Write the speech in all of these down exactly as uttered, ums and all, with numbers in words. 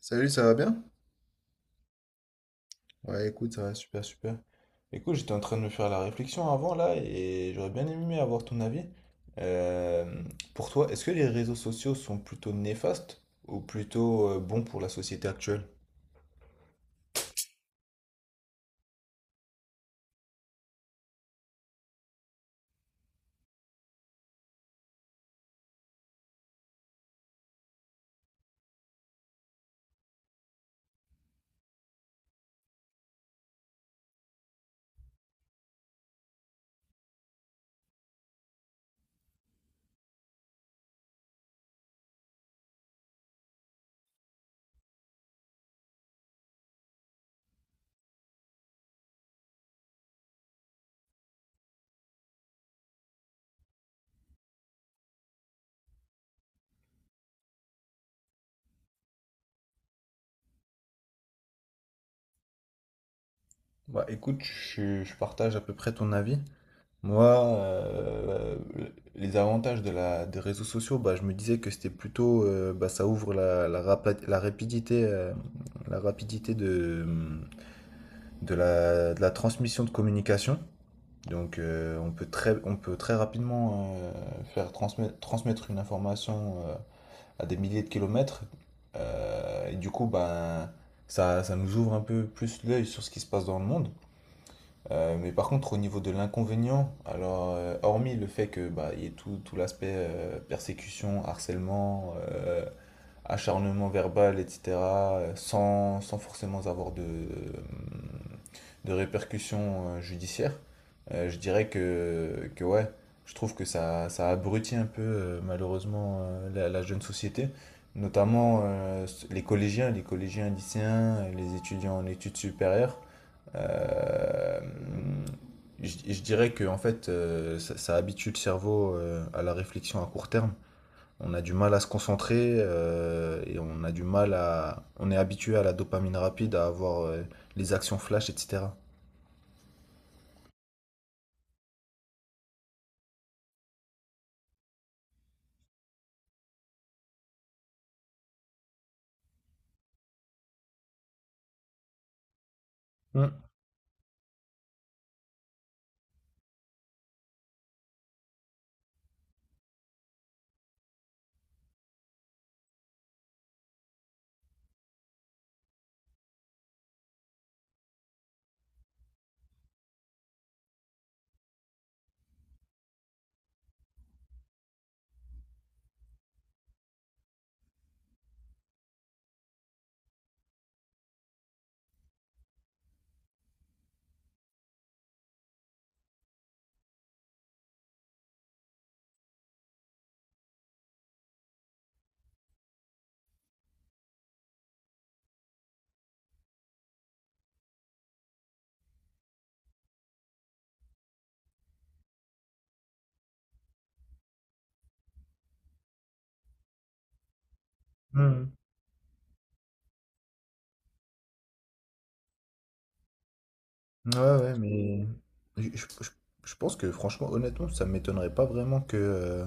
Salut, ça va bien? Ouais, écoute, ça va super, super. Écoute, j'étais en train de me faire la réflexion avant là et j'aurais bien aimé avoir ton avis. Euh, pour toi, est-ce que les réseaux sociaux sont plutôt néfastes ou plutôt euh, bons pour la société actuelle? Bah écoute, je, je partage à peu près ton avis. Moi, euh, les avantages de la, des réseaux sociaux, bah, je me disais que c'était plutôt, euh, bah, ça ouvre la, la, rapa- la rapidité, euh, la rapidité de, de la, de la transmission de communication. Donc, euh, on peut très, on peut très rapidement euh, faire transmettre, transmettre une information euh, à des milliers de kilomètres. Euh, et du coup, ben, ça, ça nous ouvre un peu plus l'œil sur ce qui se passe dans le monde. Euh, mais par contre, au niveau de l'inconvénient, alors, euh, hormis le fait que, bah, il y ait tout, tout l'aspect euh, persécution, harcèlement, euh, acharnement verbal, et cetera, euh, sans, sans forcément avoir de, euh, de répercussions euh, judiciaires. Euh, je dirais que, que ouais, je trouve que ça, ça abrutit un peu euh, malheureusement euh, la, la jeune société, notamment euh, les collégiens, les collégiens lycéens, les étudiants en études supérieures. Euh, je, je dirais que en fait, euh, ça, ça habitue le cerveau euh, à la réflexion à court terme. On a du mal à se concentrer euh, et on a du mal à... on est habitué à la dopamine rapide, à avoir euh, les actions flash, et cetera. Mm. Mmh. Ouais, ouais, mais je, je- je- je pense que franchement, honnêtement, ça m'étonnerait pas vraiment que, euh,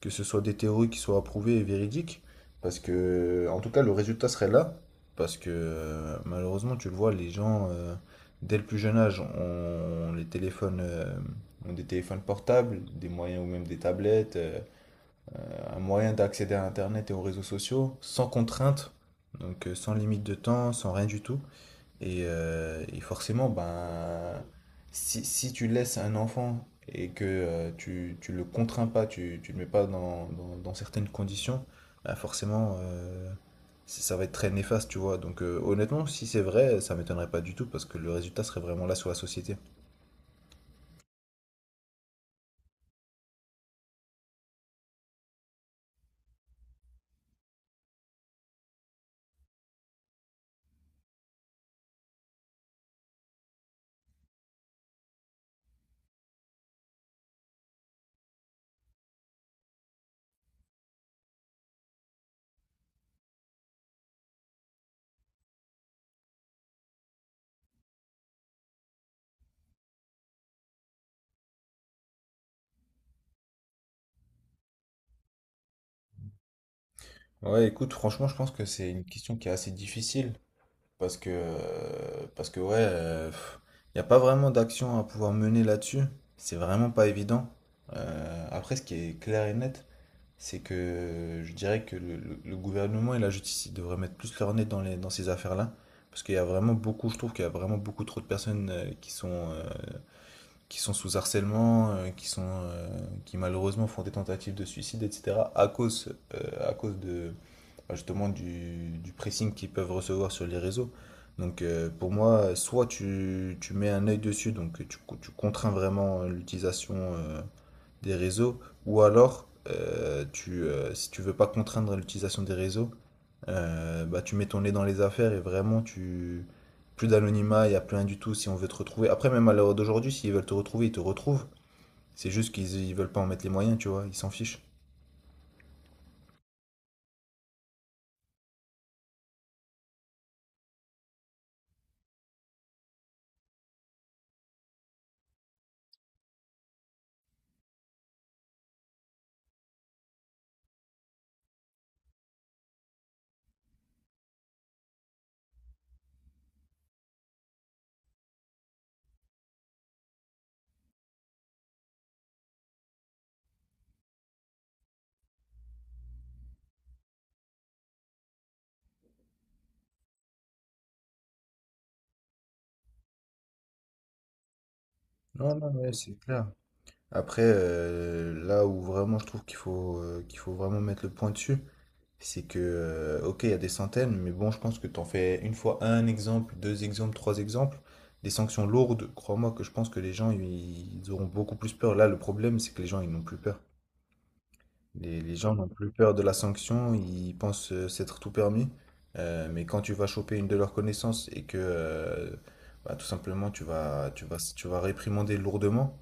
que ce soit des théories qui soient approuvées et véridiques, parce que, en tout cas, le résultat serait là, parce que euh, malheureusement, tu le vois, les gens, euh, dès le plus jeune âge, ont, les téléphones, euh, ont des téléphones portables, des moyens ou même des tablettes, euh, un moyen d'accéder à Internet et aux réseaux sociaux, sans contrainte, donc euh, sans limite de temps, sans rien du tout. Et, euh, et forcément, ben, si, si tu laisses un enfant et que euh, tu, tu le contrains pas, tu, tu le mets pas dans, dans, dans certaines conditions, ben forcément, euh, ça ça va être très néfaste, tu vois. Donc euh, honnêtement, si c'est vrai, ça m'étonnerait pas du tout parce que le résultat serait vraiment là sur la société. Ouais, écoute, franchement, je pense que c'est une question qui est assez difficile. Parce que, euh, parce que ouais, il n'y a pas vraiment d'action à pouvoir mener là-dessus. C'est vraiment pas évident. Euh, après, ce qui est clair et net, c'est que je dirais que le, le- le gouvernement et la justice ils devraient mettre plus leur nez dans les, dans ces affaires-là. Parce qu'il y a vraiment beaucoup, je trouve qu'il y a vraiment beaucoup trop de personnes euh, qui sont, euh, qui sont sous harcèlement, euh, qui sont, euh, qui malheureusement font des tentatives de suicide, et cetera, à cause, euh, à cause de, bah, justement du, du pressing qu'ils peuvent recevoir sur les réseaux. Donc euh, pour moi, soit tu, tu mets un œil dessus, donc tu, tu contrains vraiment euh, l'utilisation euh, des réseaux, ou alors, euh, tu, euh, si tu veux pas contraindre l'utilisation des réseaux, euh, bah, tu mets ton nez dans les affaires et vraiment, tu plus d'anonymat, il n'y a plus rien du tout si on veut te retrouver. Après, même à l'heure d'aujourd'hui, s'ils veulent te retrouver, ils te retrouvent. C'est juste qu'ils ils veulent pas en mettre les moyens, tu vois, ils s'en fichent. Non, non, ouais, c'est clair. Après, euh, là où vraiment je trouve qu'il faut, euh, qu'il faut vraiment mettre le point dessus. C'est que, euh, ok, il y a des centaines, mais bon, je pense que t'en fais une fois un exemple, deux exemples, trois exemples. Des sanctions lourdes, crois-moi que je pense que les gens, ils ils auront beaucoup plus peur. Là, le problème, c'est que les gens, ils n'ont plus peur. Les, les gens n'ont plus peur de la sanction, ils pensent euh, s'être tout permis. Euh, mais quand tu vas choper une de leurs connaissances et que, euh, bah, tout simplement, tu vas, tu vas, tu vas réprimander lourdement,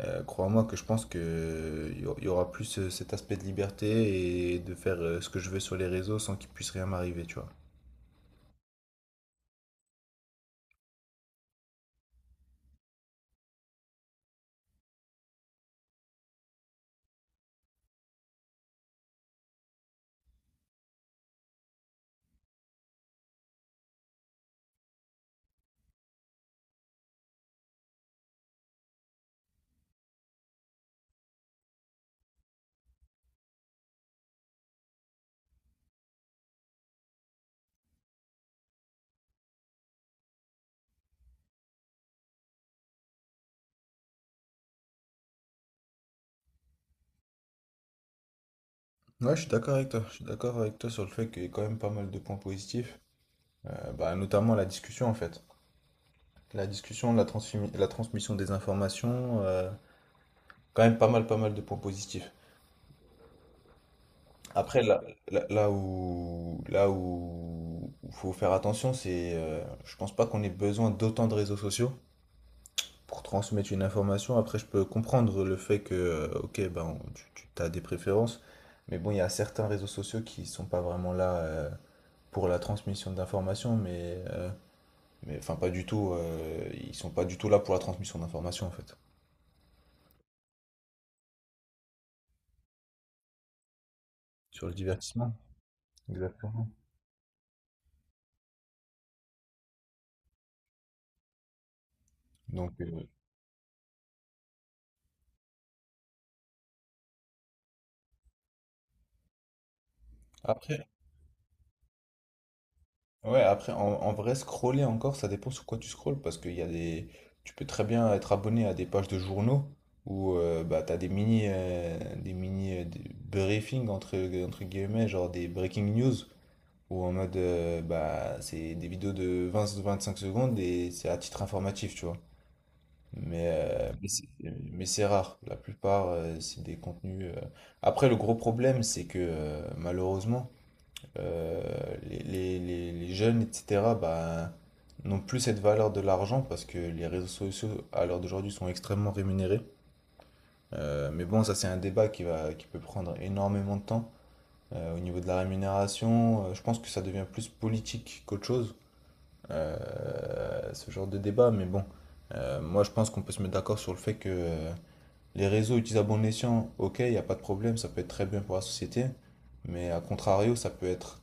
euh, crois-moi que je pense que il y au- il y aura plus euh, cet aspect de liberté et de faire euh, ce que je veux sur les réseaux sans qu'il puisse rien m'arriver, tu vois. Ouais, je suis d'accord avec toi. Je suis d'accord avec toi sur le fait qu'il y a quand même pas mal de points positifs. Euh, bah, notamment la discussion en fait. La discussion, la transmi- la transmission des informations, euh, quand même pas mal, pas mal de points positifs. Après, là, là, là où, là où où faut faire attention, c'est, euh, je pense pas qu'on ait besoin d'autant de réseaux sociaux pour transmettre une information. Après, je peux comprendre le fait que, euh, ok, ben, tu, tu as des préférences, mais bon, il y a certains réseaux sociaux qui sont pas vraiment là euh, pour la transmission d'informations, mais, euh, mais enfin, pas du tout. Euh, ils sont pas du tout là pour la transmission d'informations, en fait. Sur le divertissement. Exactement. Donc, euh, après, Ouais, après, en, en vrai, scroller encore, ça dépend sur quoi tu scrolles, parce qu'il y a des... Tu peux très bien être abonné à des pages de journaux où euh, bah, tu as des mini, euh, des mini euh, des briefings, entre, entre guillemets, genre des breaking news, où en mode, euh, bah, c'est des vidéos de vingt à vingt-cinq secondes et c'est à titre informatif, tu vois. Mais, euh, mais c'est mais c'est rare. La plupart, euh, c'est des contenus… euh. Après, le gros problème, c'est que euh, malheureusement euh, les, les- les- les jeunes, et cetera, bah, n'ont plus cette valeur de l'argent parce que les réseaux sociaux, à l'heure d'aujourd'hui, sont extrêmement rémunérés. Euh, mais bon, ça, c'est un débat qui va, qui peut prendre énormément de temps. Euh, au niveau de la rémunération, euh, je pense que ça devient plus politique qu'autre chose, euh, ce genre de débat. Mais bon, euh, moi, je pense qu'on peut se mettre d'accord sur le fait que euh, les réseaux utilisés à bon escient, ok, il n'y a pas de problème, ça peut être très bien pour la société. Mais à contrario, ça peut être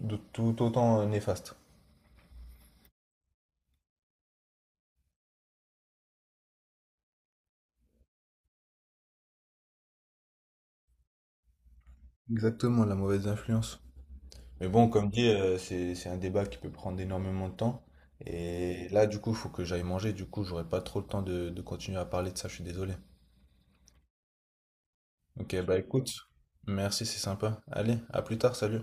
de tout autant euh, néfaste. Exactement, la mauvaise influence. Mais bon, comme dit, euh, c'est, c'est un débat qui peut prendre énormément de temps. Et là, du coup, il faut que j'aille manger. Du coup, j'aurai pas trop le temps de, de continuer à parler de ça. Je suis désolé. Ok, bah écoute, merci, c'est sympa. Allez, à plus tard, salut.